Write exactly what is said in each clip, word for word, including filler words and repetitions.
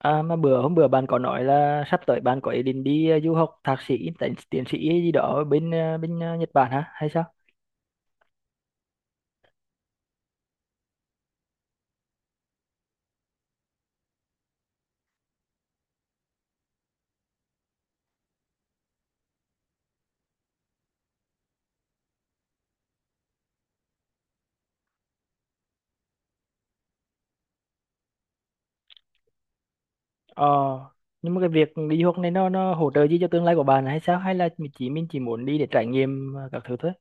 À, mà bữa hôm bữa bạn có nói là sắp tới bạn có ý định đi ờ, du học thạc sĩ, tiến, tiến sĩ gì đó ở bên ờ, bên ờ, Nhật Bản hả hay sao? Ờ, nhưng mà cái việc đi du học này nó nó hỗ trợ gì cho tương lai của bạn hay sao? Hay là mình chỉ mình chỉ muốn đi để trải nghiệm ờ, các thứ thôi?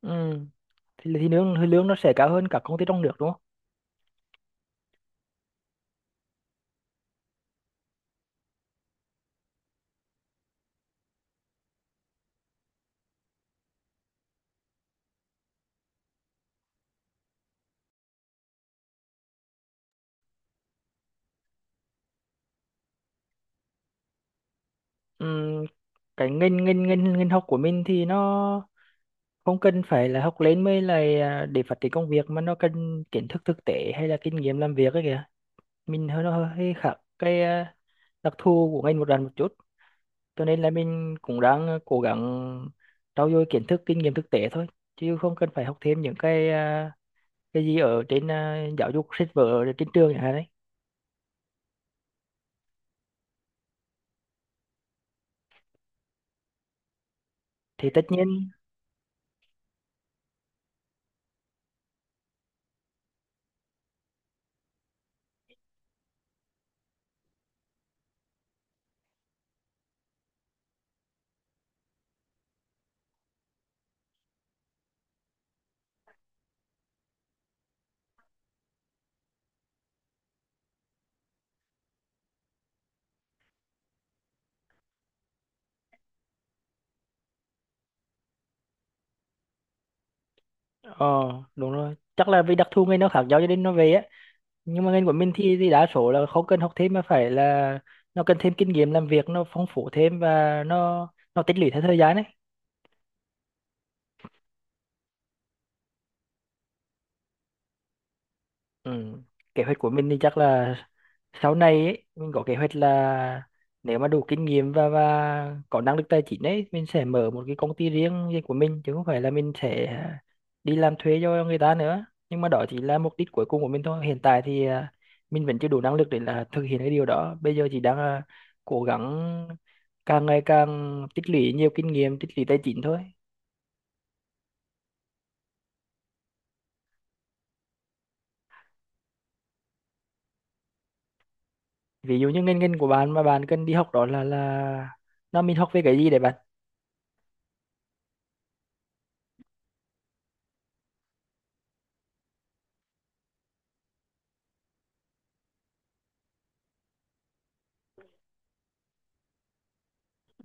Ừ, thì, thì lương thì lương nó sẽ cao hơn các công ty trong nước đúng không? Ừ, cái ngành ngành ngành ngành học của mình thì nó không cần phải là học lên mới là à, để phát triển công việc mà nó cần kiến thức thực tế hay là kinh nghiệm làm việc ấy kìa. Mình hơi nó hơi khác cái ờ, đặc thù của ngành một lần một chút, cho nên là mình cũng đang ờ, cố gắng trau dồi kiến thức kinh nghiệm thực tế thôi, chứ không cần phải học thêm những cái ờ, cái gì ở trên ờ, giáo dục sách vở ở trên trường chẳng hạn đấy. Thì tất nhiên, ờ đúng rồi, chắc là vì đặc thù ngành nó khác nhau cho nên nó về á, nhưng mà ngành của mình thì, thì đa số là không cần học thêm mà phải là nó cần thêm kinh nghiệm làm việc nó phong phú thêm và nó nó tích lũy theo thời gian đấy. Ừ. Kế hoạch của mình thì chắc là sau này ấy, mình có kế hoạch là nếu mà đủ kinh nghiệm và và có năng lực tài chính ấy, mình sẽ mở một cái công ty riêng riêng của mình chứ không phải là mình sẽ đi làm thuê cho người ta nữa, nhưng mà đó chỉ là mục đích cuối cùng của mình thôi. Hiện tại thì à, mình vẫn chưa đủ năng lực để là thực hiện cái điều đó, bây giờ chỉ đang à, cố gắng càng ngày càng tích lũy nhiều kinh nghiệm tích lũy tài chính thôi. Ví dụ như ngành ngành của bạn mà bạn cần đi học đó là là nó mình học về cái gì để bạn.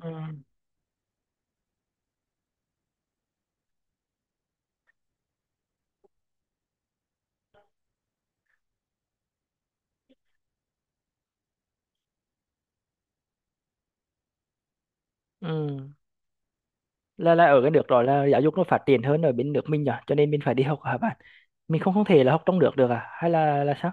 Ừ. Ừ. Là là ở cái nước đó là giáo dục nó phát triển hơn ở bên nước mình nhỉ, cho nên mình phải đi học hả bạn? Mình không không thể là học trong nước được à? Hay là là sao?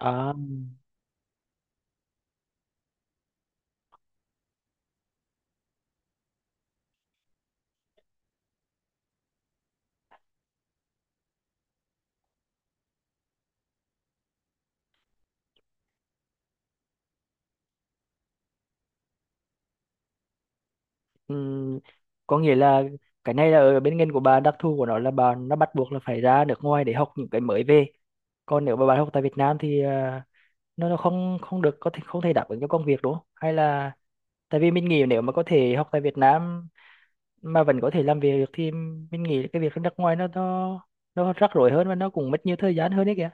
À, ừm, có nghĩa là cái này là ở bên ngành của bà, đặc thù của nó là bà nó bắt buộc là phải ra nước ngoài để học những cái mới về. Còn nếu mà bạn học tại Việt Nam thì à, nó nó không không được, có thể không thể đáp ứng cho công việc đúng không? Hay là tại vì mình nghĩ nếu mà có thể học tại Việt Nam mà vẫn có thể làm việc được thì mình nghĩ cái việc ở nước ngoài nó nó nó rắc rối hơn và nó cũng mất nhiều thời gian hơn đấy kìa.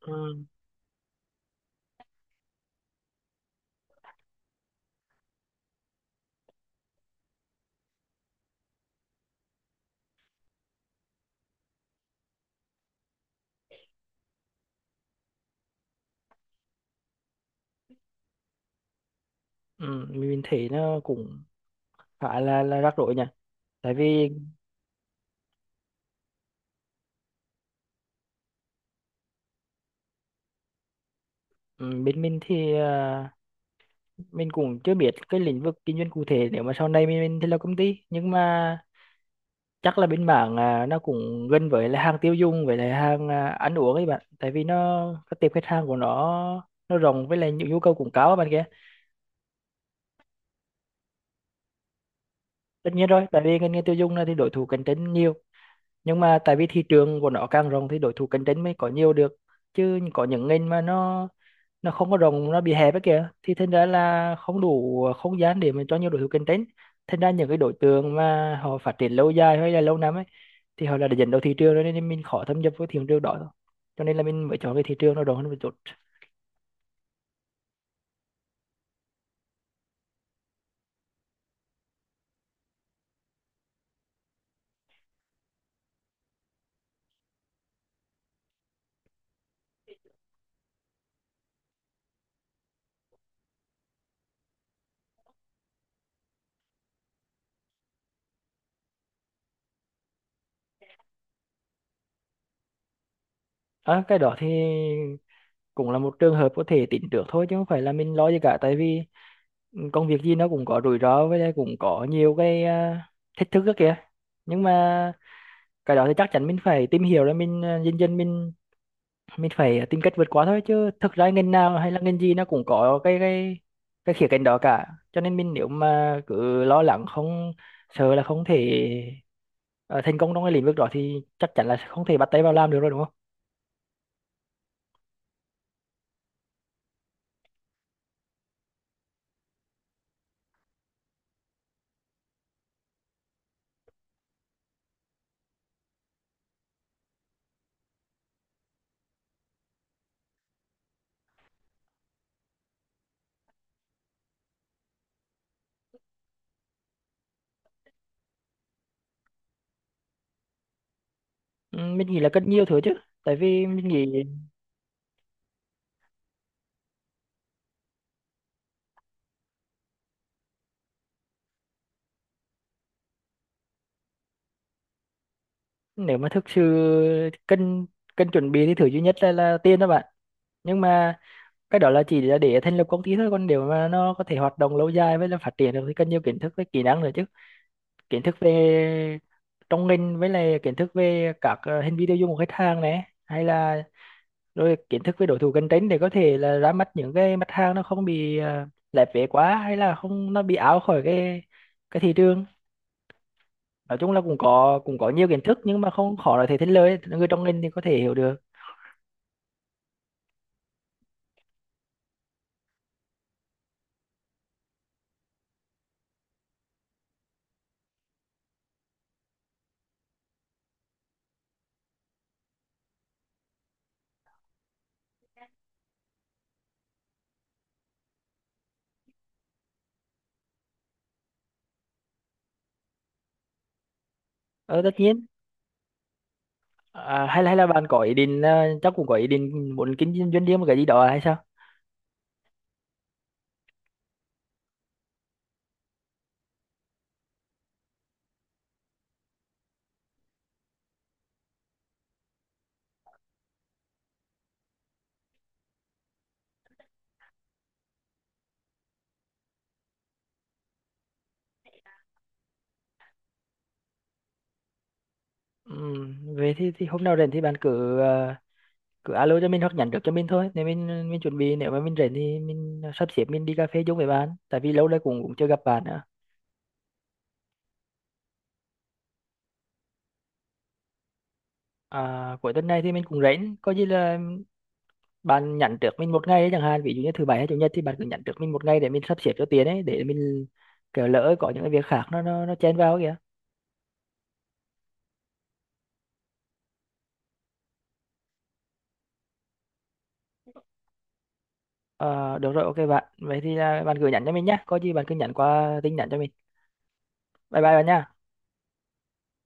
ừ, ừ, mình thấy nó cũng khá là là rắc rối nhỉ, tại vì ừ, bên mình thì à, mình cũng chưa biết cái lĩnh vực kinh doanh cụ thể, nếu mà sau này mình, mình thì là công ty, nhưng mà chắc là bên mảng à, nó cũng gần với là hàng tiêu dùng với lại hàng à, ăn uống ấy bạn, tại vì nó các tiệm khách hàng của nó nó rộng với lại những nhu cầu cũng cao á bạn kia. Tất nhiên rồi, tại vì ngành nghề tiêu dùng này thì đối thủ cạnh tranh nhiều, nhưng mà tại vì thị trường của nó càng rộng thì đối thủ cạnh tranh mới có nhiều được, chứ có những ngành mà nó nó không có rộng, nó bị hẹp ấy kìa, thì thành ra là không đủ không gian để mà cho nhiều đối thủ cạnh tranh. Thành ra những cái đối tượng mà họ phát triển lâu dài hay là lâu năm ấy thì họ là đã dẫn đầu thị trường rồi nên mình khó thâm nhập với thị trường đó thôi. Cho nên là mình mới chọn cái thị trường nó rộng hơn một chút. À, cái đó thì cũng là một trường hợp có thể tính trước thôi, chứ không phải là mình lo gì cả, tại vì công việc gì nó cũng có rủi ro với lại cũng có nhiều cái à, thách thức đó kìa. Nhưng mà cái đó thì chắc chắn mình phải tìm hiểu rồi mình à, dần dần mình mình phải tìm cách vượt qua thôi, chứ thực ra ngành nào hay là ngành gì nó cũng có cái cái cái khía cạnh đó cả. Cho nên mình nếu mà cứ lo lắng không, sợ là không thể ờ, thành công trong cái lĩnh vực đó thì chắc chắn là không thể bắt tay vào làm được rồi đúng không. Ừ, mình nghĩ là rất nhiều thứ chứ, tại vì mình nghĩ nếu mà thực sự cần cần chuẩn bị thì thứ duy nhất là, là tiền đó bạn. Nhưng mà cái đó là chỉ là để thành lập công ty thôi, còn nếu mà nó có thể hoạt động lâu dài với là phát triển được thì cần nhiều kiến thức với kỹ năng nữa chứ. Kiến thức về trong ngành với lại kiến thức về các ờ, hành vi tiêu dùng của khách hàng này hay là rồi kiến thức về đối thủ cạnh tranh để có thể là ra mắt những cái mặt hàng nó không bị uh, lép vế quá hay là không nó bị out khỏi cái cái thị trường. Nói chung là cũng có cũng có nhiều kiến thức nhưng mà không khó để thể thành lời, người trong ngành thì có thể hiểu được. Ờ, tất nhiên. À, hay là hay là bạn có ý định ờ, chắc cũng có ý định muốn kinh doanh doanh riêng một cái gì đó hay sao? Ừm, về thì thì hôm nào rảnh thì bạn cứ ờ, cứ alo cho mình hoặc nhắn trước cho mình thôi. Nếu mình mình chuẩn bị, nếu mà mình rảnh thì mình sắp xếp mình đi cà phê chung với bạn. Tại vì lâu nay cũng cũng chưa gặp bạn nữa. À, cuối tuần này thì mình cũng rảnh. Có gì là bạn nhắn trước mình một ngày ấy, chẳng hạn ví dụ như thứ bảy hay chủ nhật thì bạn cứ nhắn trước mình một ngày để mình sắp xếp cho tiền ấy, để mình kiểu lỡ có những cái việc khác nó nó nó chen vào kìa. Ờ, được rồi, ok bạn. Vậy thì à, bạn gửi nhắn cho mình nhé. Có gì bạn cứ nhắn qua tin nhắn cho mình. Bye bye bạn nha